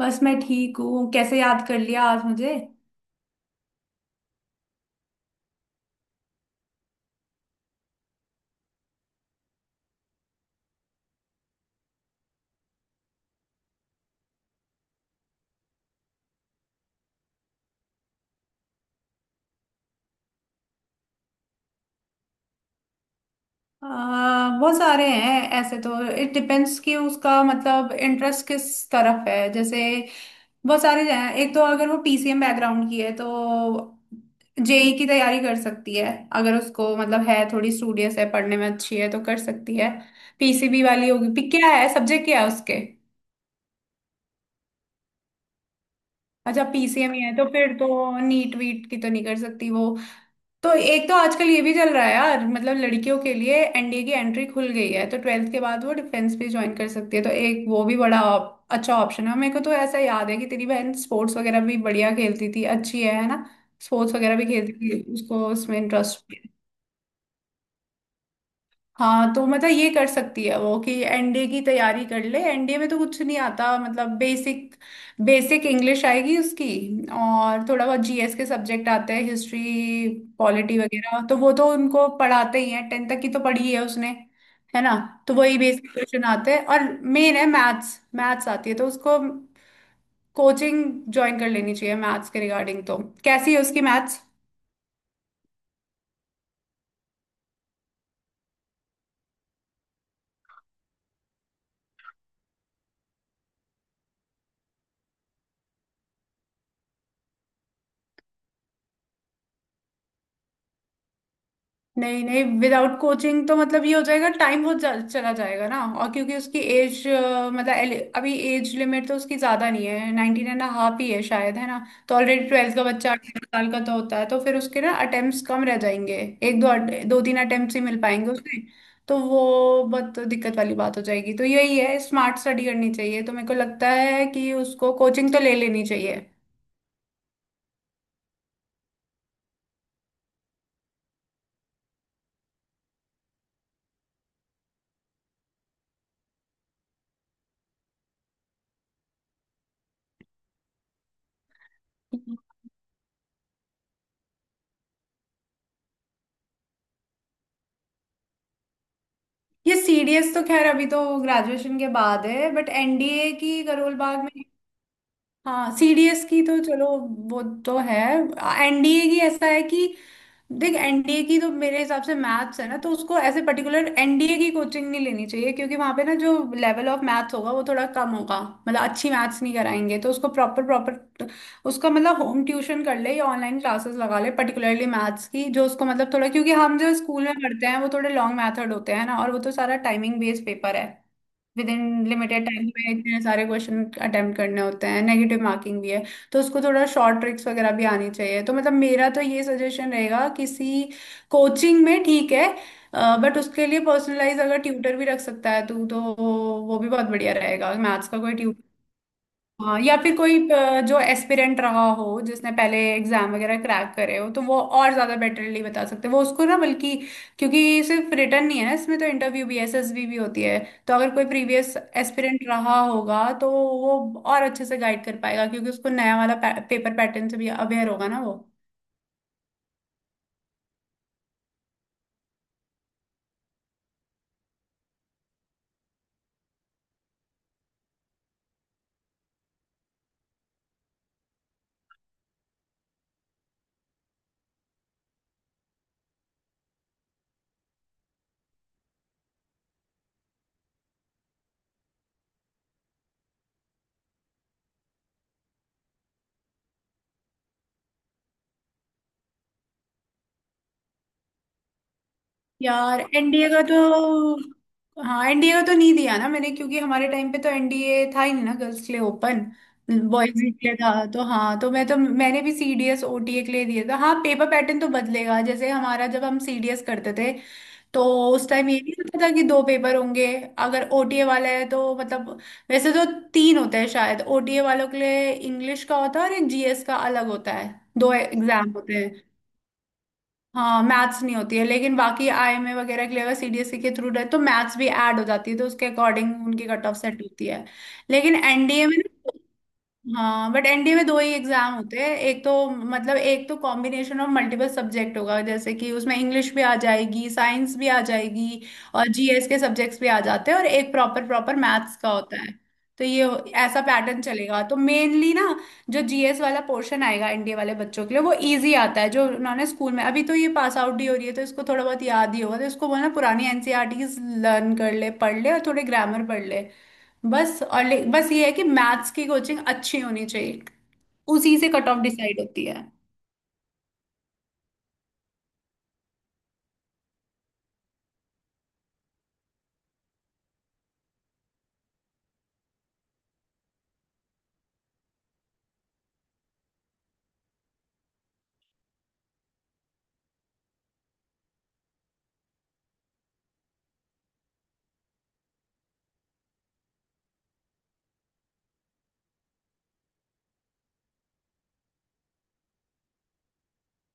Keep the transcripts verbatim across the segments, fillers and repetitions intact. बस मैं ठीक हूँ। कैसे याद कर लिया आज मुझे? अ, बहुत सारे हैं ऐसे तो। इट डिपेंड्स कि उसका मतलब इंटरेस्ट किस तरफ है। जैसे बहुत सारे हैं, एक तो अगर वो पीसीएम बैकग्राउंड की है तो जेई की तैयारी कर सकती है। अगर उसको मतलब है, थोड़ी स्टूडियस है, पढ़ने में अच्छी है तो कर सकती है। पीसीबी वाली होगी? पी क्या है, सब्जेक्ट क्या है उसके? अच्छा, पीसीएम ही है तो फिर तो नीट वीट की तो नहीं कर सकती वो। तो एक तो आजकल ये भी चल रहा है यार, मतलब लड़कियों के लिए एनडीए की एंट्री खुल गई है तो ट्वेल्थ के बाद वो डिफेंस भी ज्वाइन कर सकती है, तो एक वो भी बड़ा op- अच्छा ऑप्शन है। मेरे को तो ऐसा याद है कि तेरी बहन स्पोर्ट्स वगैरह भी बढ़िया खेलती थी, अच्छी है है ना? स्पोर्ट्स वगैरह भी खेलती थी, उसको उसमें इंटरेस्ट? हाँ तो मतलब ये कर सकती है वो, कि एनडीए की तैयारी कर ले। एनडीए में तो कुछ नहीं आता, मतलब बेसिक बेसिक इंग्लिश आएगी उसकी। और थोड़ा बहुत जीएस के सब्जेक्ट आते हैं, हिस्ट्री पॉलिटी वगैरह, तो वो तो उनको पढ़ाते ही हैं, टेंथ तक की तो पढ़ी है उसने, है ना। तो वही बेसिक क्वेश्चन आते हैं और मेन है मैथ्स। मैथ्स आती है तो उसको कोचिंग ज्वाइन कर लेनी चाहिए मैथ्स के रिगार्डिंग। तो कैसी है उसकी मैथ्स? नहीं नहीं, विदाउट कोचिंग तो मतलब ये हो जाएगा, टाइम बहुत जा, चला जाएगा ना। और क्योंकि उसकी एज, मतलब एल- अभी एज लिमिट तो उसकी ज्यादा नहीं है, नाइनटीन एंड हाफ ही है शायद, है ना। तो ऑलरेडी ट्वेल्थ का बच्चा अठारह साल का तो होता है, तो फिर उसके ना अटेम्प्ट्स कम रह जाएंगे। एक दो अट- दो तीन अटेम्प्ट्स ही मिल पाएंगे उसके। तो वो बहुत दिक्कत वाली बात हो जाएगी। तो यही है, स्मार्ट स्टडी करनी चाहिए। तो मेरे को लगता है कि उसको कोचिंग तो ले लेनी चाहिए। ये सीडीएस तो खैर अभी तो ग्रेजुएशन के बाद है, बट एनडीए की करोल बाग में। हाँ सीडीएस की तो चलो, वो तो है। एनडीए की ऐसा है कि, देख, एनडीए की तो मेरे हिसाब से मैथ्स है ना, तो उसको ऐसे पर्टिकुलर एनडीए की कोचिंग नहीं लेनी चाहिए, क्योंकि वहां पे ना जो लेवल ऑफ मैथ्स होगा वो थोड़ा कम होगा। मतलब अच्छी मैथ्स नहीं कराएंगे तो उसको प्रॉपर प्रॉपर, उसका मतलब, होम ट्यूशन कर ले या ऑनलाइन क्लासेस लगा ले पर्टिकुलरली मैथ्स की। जो उसको मतलब थोड़ा, क्योंकि हम जो स्कूल में पढ़ते हैं वो थोड़े लॉन्ग मैथड होते हैं ना, और वो तो सारा टाइमिंग बेस्ड पेपर है। विद इन लिमिटेड टाइम में इतने सारे क्वेश्चन अटेम्प्ट करने होते हैं, नेगेटिव मार्किंग भी है। तो उसको थोड़ा शॉर्ट ट्रिक्स वगैरह भी आनी चाहिए। तो मतलब मेरा तो ये सजेशन रहेगा, किसी कोचिंग में ठीक है, बट उसके लिए पर्सनलाइज अगर ट्यूटर भी रख सकता है तू तो वो भी बहुत बढ़िया रहेगा, मैथ्स का कोई। हाँ, या फिर कोई अ, जो एस्पिरेंट रहा हो, जिसने पहले एग्जाम वगैरह क्रैक करे हो, तो वो और ज्यादा बेटरली बता सकते हैं वो उसको, ना बल्कि। क्योंकि सिर्फ रिटर्न नहीं है ना इसमें, तो इंटरव्यू भी, एसएसबी भी होती है। तो अगर कोई प्रीवियस एस्पिरेंट रहा होगा तो वो और अच्छे से गाइड कर पाएगा, क्योंकि उसको नया वाला पेपर पैटर्न से भी अवेयर होगा ना वो। यार एनडीए का तो, हाँ, एनडीए का तो नहीं दिया ना मैंने, क्योंकि हमारे टाइम पे तो एनडीए था ही नहीं ना गर्ल्स के लिए ओपन, बॉयज के लिए था। तो हाँ, तो मैं तो मैंने भी सीडीएस ओटीए के लिए दिया था। हाँ, पेपर पैटर्न तो बदलेगा। जैसे हमारा जब हम सीडीएस करते थे तो उस टाइम ये नहीं होता था कि दो पेपर होंगे। अगर ओटीए वाला है तो मतलब, वैसे तो तीन होते हैं शायद ओटीए वालों के लिए, इंग्लिश का होता है और एक जीएस का अलग होता है, दो एग्जाम होते हैं। हाँ मैथ्स नहीं होती है, लेकिन बाकी आईएमए वगैरह के लिए अगर सीडीएसई के थ्रू रहे तो मैथ्स भी ऐड हो जाती है, तो उसके अकॉर्डिंग उनकी कट ऑफ सेट होती है। लेकिन एनडीए में ना, हाँ, बट एनडीए में दो ही एग्जाम होते हैं। एक तो मतलब, एक तो कॉम्बिनेशन ऑफ मल्टीपल सब्जेक्ट होगा, जैसे कि उसमें इंग्लिश भी आ जाएगी, साइंस भी आ जाएगी और जीएस के सब्जेक्ट्स भी आ जाते हैं, और एक प्रॉपर प्रॉपर मैथ्स का होता है। तो ये हो- ऐसा पैटर्न चलेगा तो मेनली ना, जो जीएस वाला पोर्शन आएगा एनडीए वाले बच्चों के लिए वो इजी आता है, जो उन्होंने स्कूल में, अभी तो ये पास आउट ही हो रही है तो इसको थोड़ा बहुत याद ही होगा। तो इसको बोलना पुरानी एनसीईआरटीज लर्न कर ले, पढ़ ले, और थोड़े ग्रामर पढ़ ले बस। और ले- बस ये है कि मैथ्स की कोचिंग अच्छी होनी चाहिए। उसी से कट ऑफ डिसाइड होती है।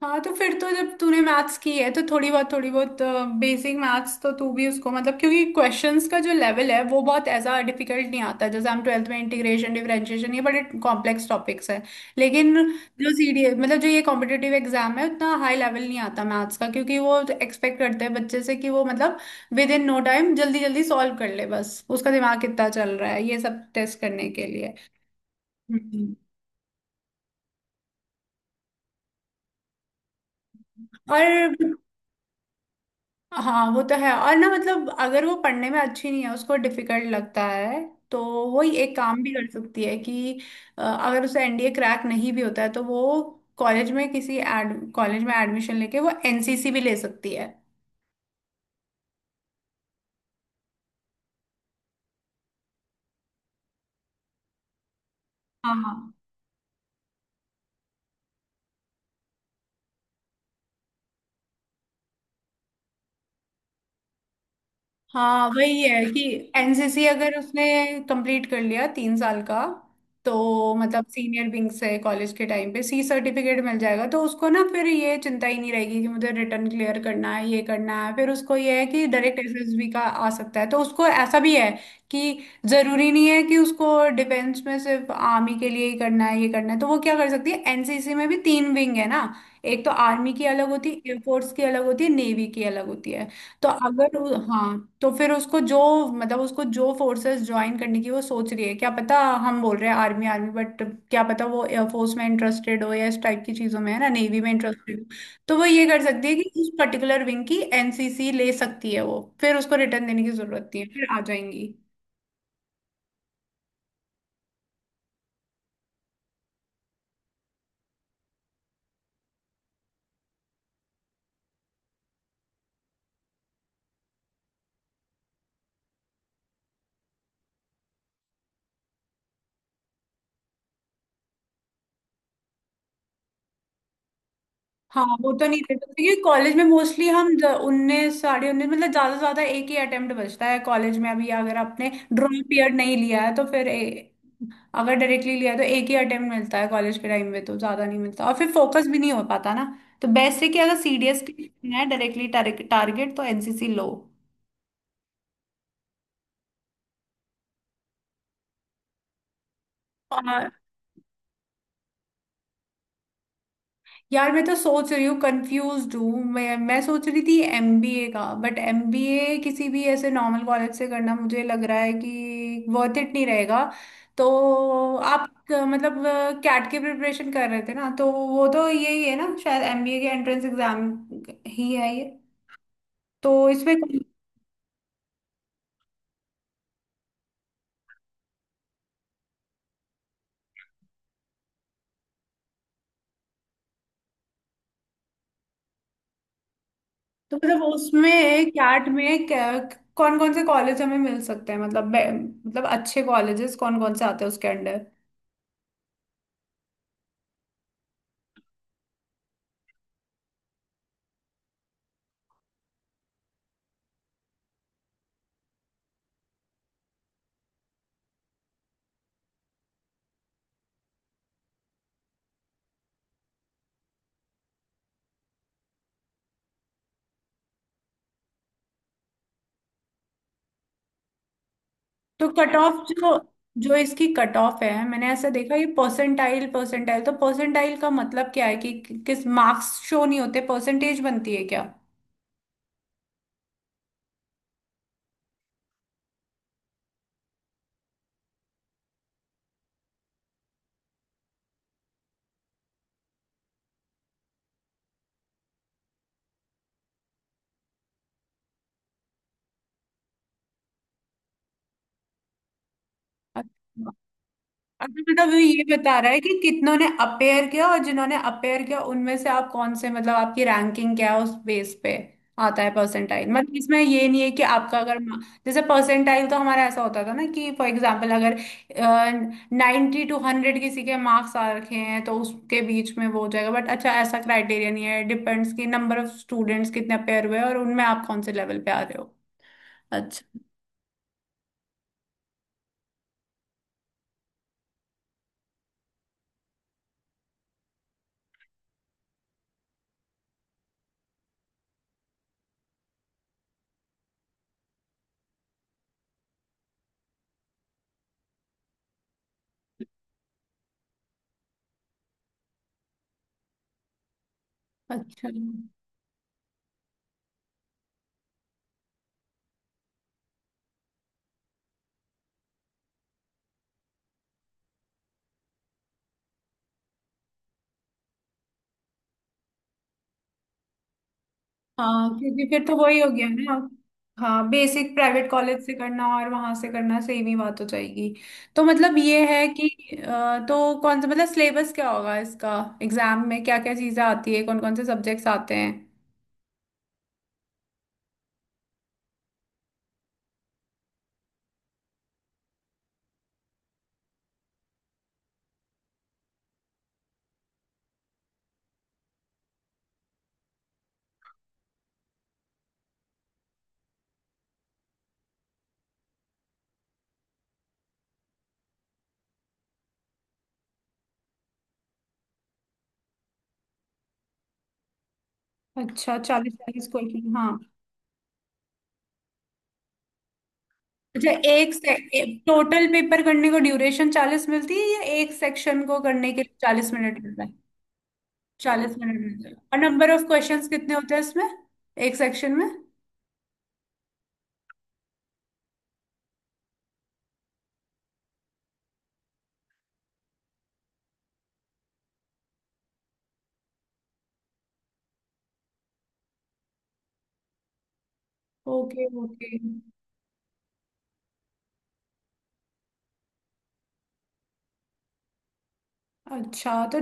हाँ तो फिर तो जब तूने मैथ्स की है तो थोड़ी बहुत थोड़ी बहुत बेसिक मैथ्स तो तू भी उसको, मतलब, क्योंकि क्वेश्चंस का जो लेवल है वो बहुत ऐसा डिफिकल्ट नहीं आता। जैसे हम ट्वेल्थ में इंटीग्रेशन, डिफरेंशिएशन, ये बड़े कॉम्प्लेक्स टॉपिक्स हैं, लेकिन जो सीडी मतलब जो ये कॉम्पिटिटिव एग्जाम है, उतना हाई लेवल नहीं आता मैथ्स का, क्योंकि वो एक्सपेक्ट करते हैं बच्चे से कि वो मतलब विद इन नो टाइम जल्दी जल्दी सॉल्व कर ले, बस उसका दिमाग कितना चल रहा है ये सब टेस्ट करने के लिए। हम्म। और हाँ, वो तो है। और ना, मतलब अगर वो पढ़ने में अच्छी नहीं है, उसको डिफिकल्ट लगता है, तो वो ये एक काम भी कर सकती है कि अ, अगर उसे एनडीए क्रैक नहीं भी होता है तो वो कॉलेज में, किसी एड कॉलेज में एडमिशन लेके वो एनसीसी भी ले सकती है। हाँ हाँ, वही है कि एनसीसी अगर उसने कंप्लीट कर लिया तीन साल का, तो मतलब सीनियर विंग से कॉलेज के टाइम पे सी सर्टिफिकेट मिल जाएगा, तो उसको ना फिर ये चिंता ही नहीं रहेगी कि मुझे रिटर्न क्लियर करना है, ये करना है। फिर उसको ये है कि डायरेक्ट एसएसबी का आ सकता है। तो उसको ऐसा भी है कि जरूरी नहीं है कि उसको डिफेंस में सिर्फ आर्मी के लिए ही करना है, ये करना है। तो वो क्या कर सकती है, एनसीसी में भी तीन विंग है ना। एक तो आर्मी की अलग होती है, एयरफोर्स की अलग होती है, नेवी की अलग होती है। तो अगर उ- हाँ, तो फिर उसको जो, मतलब उसको जो फोर्सेस ज्वाइन करने की वो सोच रही है, क्या पता। हम बोल रहे हैं आर्मी आर्मी, बट क्या पता वो एयरफोर्स में इंटरेस्टेड हो या इस टाइप की चीजों में, है ना, नेवी में इंटरेस्टेड हो। तो वो ये कर सकती है कि उस पर्टिकुलर विंग की एनसीसी ले सकती है वो, फिर उसको रिटर्न देने की जरूरत नहीं है, फिर आ जाएंगी। हाँ वो तो नहीं देते, क्योंकि कॉलेज में मोस्टली हम उन्नीस, साढ़े उन्नीस, मतलब ज्यादा से ज्यादा एक ही अटेम्प्ट बचता है कॉलेज में अभी, अगर आपने ड्रॉप ईयर नहीं लिया है तो फिर ए, अगर डायरेक्टली लिया तो एक ही अटेम्प्ट मिलता है कॉलेज के टाइम में, तो ज्यादा नहीं मिलता और फिर फोकस भी नहीं हो पाता ना। तो बेस्ट है कि अगर सीडीएस है डायरेक्टली टारगेट तो एनसीसी लो। और यार, मैं तो सोच रही हूँ, कंफ्यूज हूँ मैं मैं सोच रही थी एमबीए का, बट एमबीए किसी भी ऐसे नॉर्मल कॉलेज से करना मुझे लग रहा है कि वर्थ इट नहीं रहेगा। तो आप अ, मतलब कैट की प्रिपरेशन कर रहे थे ना, तो वो तो यही है ना शायद, एमबीए के एंट्रेंस एग्जाम ही है ये। तो इसमें, तो मतलब उसमें, कैट में कौन कौन से कॉलेज हमें मिल सकते हैं, मतलब बे- मतलब अच्छे कॉलेजेस कौन कौन से आते हैं उसके अंडर? तो कट ऑफ, जो जो इसकी कट ऑफ है मैंने ऐसा देखा, ये परसेंटाइल परसेंटाइल, तो परसेंटाइल का मतलब क्या है कि कि- किस मार्क्स शो नहीं होते, परसेंटेज बनती है क्या? अभी मतलब वो ये बता रहा है कि कितनों ने अपेयर किया, और जिन्होंने अपेयर किया उनमें से आप कौन से, मतलब आपकी रैंकिंग क्या है उस बेस पे आता है परसेंटाइल, मतलब इसमें ये नहीं है कि आपका अगर मा- जैसे परसेंटाइल तो हमारा ऐसा होता था ना कि फॉर एग्जांपल अगर नाइन्टी टू हंड्रेड किसी के मार्क्स आ रखे हैं तो उसके बीच में वो हो जाएगा, बट अच्छा ऐसा क्राइटेरिया नहीं है, डिपेंड्स कि नंबर ऑफ स्टूडेंट्स कितने अपेयर हुए और उनमें आप कौन से लेवल पे आ रहे हो। अच्छा। अच्छा हाँ क्योंकि फिर तो वही हो गया ना, हाँ, बेसिक प्राइवेट कॉलेज से करना और वहां से करना सेम ही बात हो जाएगी। तो मतलब ये है कि, अ, तो कौन सा, मतलब सिलेबस क्या होगा इसका, एग्जाम में क्या क्या चीजें आती है, कौन कौन से सब्जेक्ट्स आते हैं? अच्छा, चालीस चालीस क्वेश्चन, हाँ। अच्छा, एक से टोटल पेपर करने को ड्यूरेशन चालीस मिलती है या एक सेक्शन को करने के लिए चालीस मिनट मिलता है? चालीस मिनट मिलता है, और नंबर ऑफ क्वेश्चंस कितने होते हैं इसमें एक सेक्शन में? Okay okay. अच्छा तो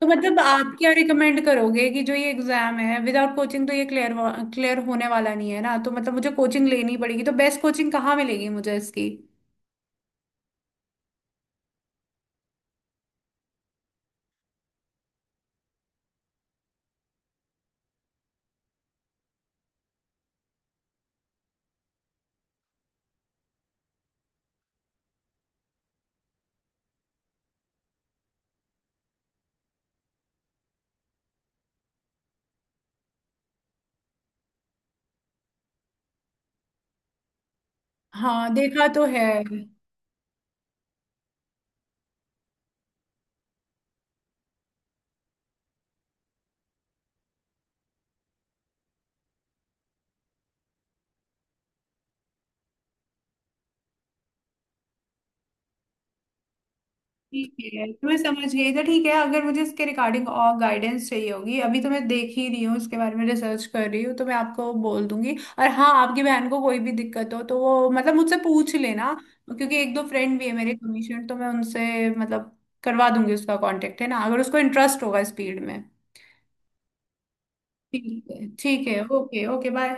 तो मतलब आप क्या रिकमेंड करोगे कि जो ये एग्जाम है विदाउट कोचिंग तो ये क्लियर क्लियर होने वाला नहीं है ना, तो मतलब मुझे कोचिंग लेनी पड़ेगी, तो बेस्ट कोचिंग कहाँ मिलेगी मुझे इसकी? हाँ देखा तो है। ठीक है, तुम्हें समझ गई, तो ठीक है। अगर मुझे इसके रिगार्डिंग और गाइडेंस चाहिए होगी, अभी तो मैं देख ही रही हूँ इसके बारे में, रिसर्च कर रही हूँ, तो मैं आपको बोल दूंगी। और हाँ, आपकी बहन को कोई भी दिक्कत हो तो वो मतलब मुझसे पूछ लेना, क्योंकि एक दो फ्रेंड भी है मेरे कमीशन, तो मैं उनसे मतलब करवा दूंगी, उसका कांटेक्ट है ना, अगर उसको इंटरेस्ट होगा इस फील्ड में। ठीक है ठीक है। Okay okay. बाय।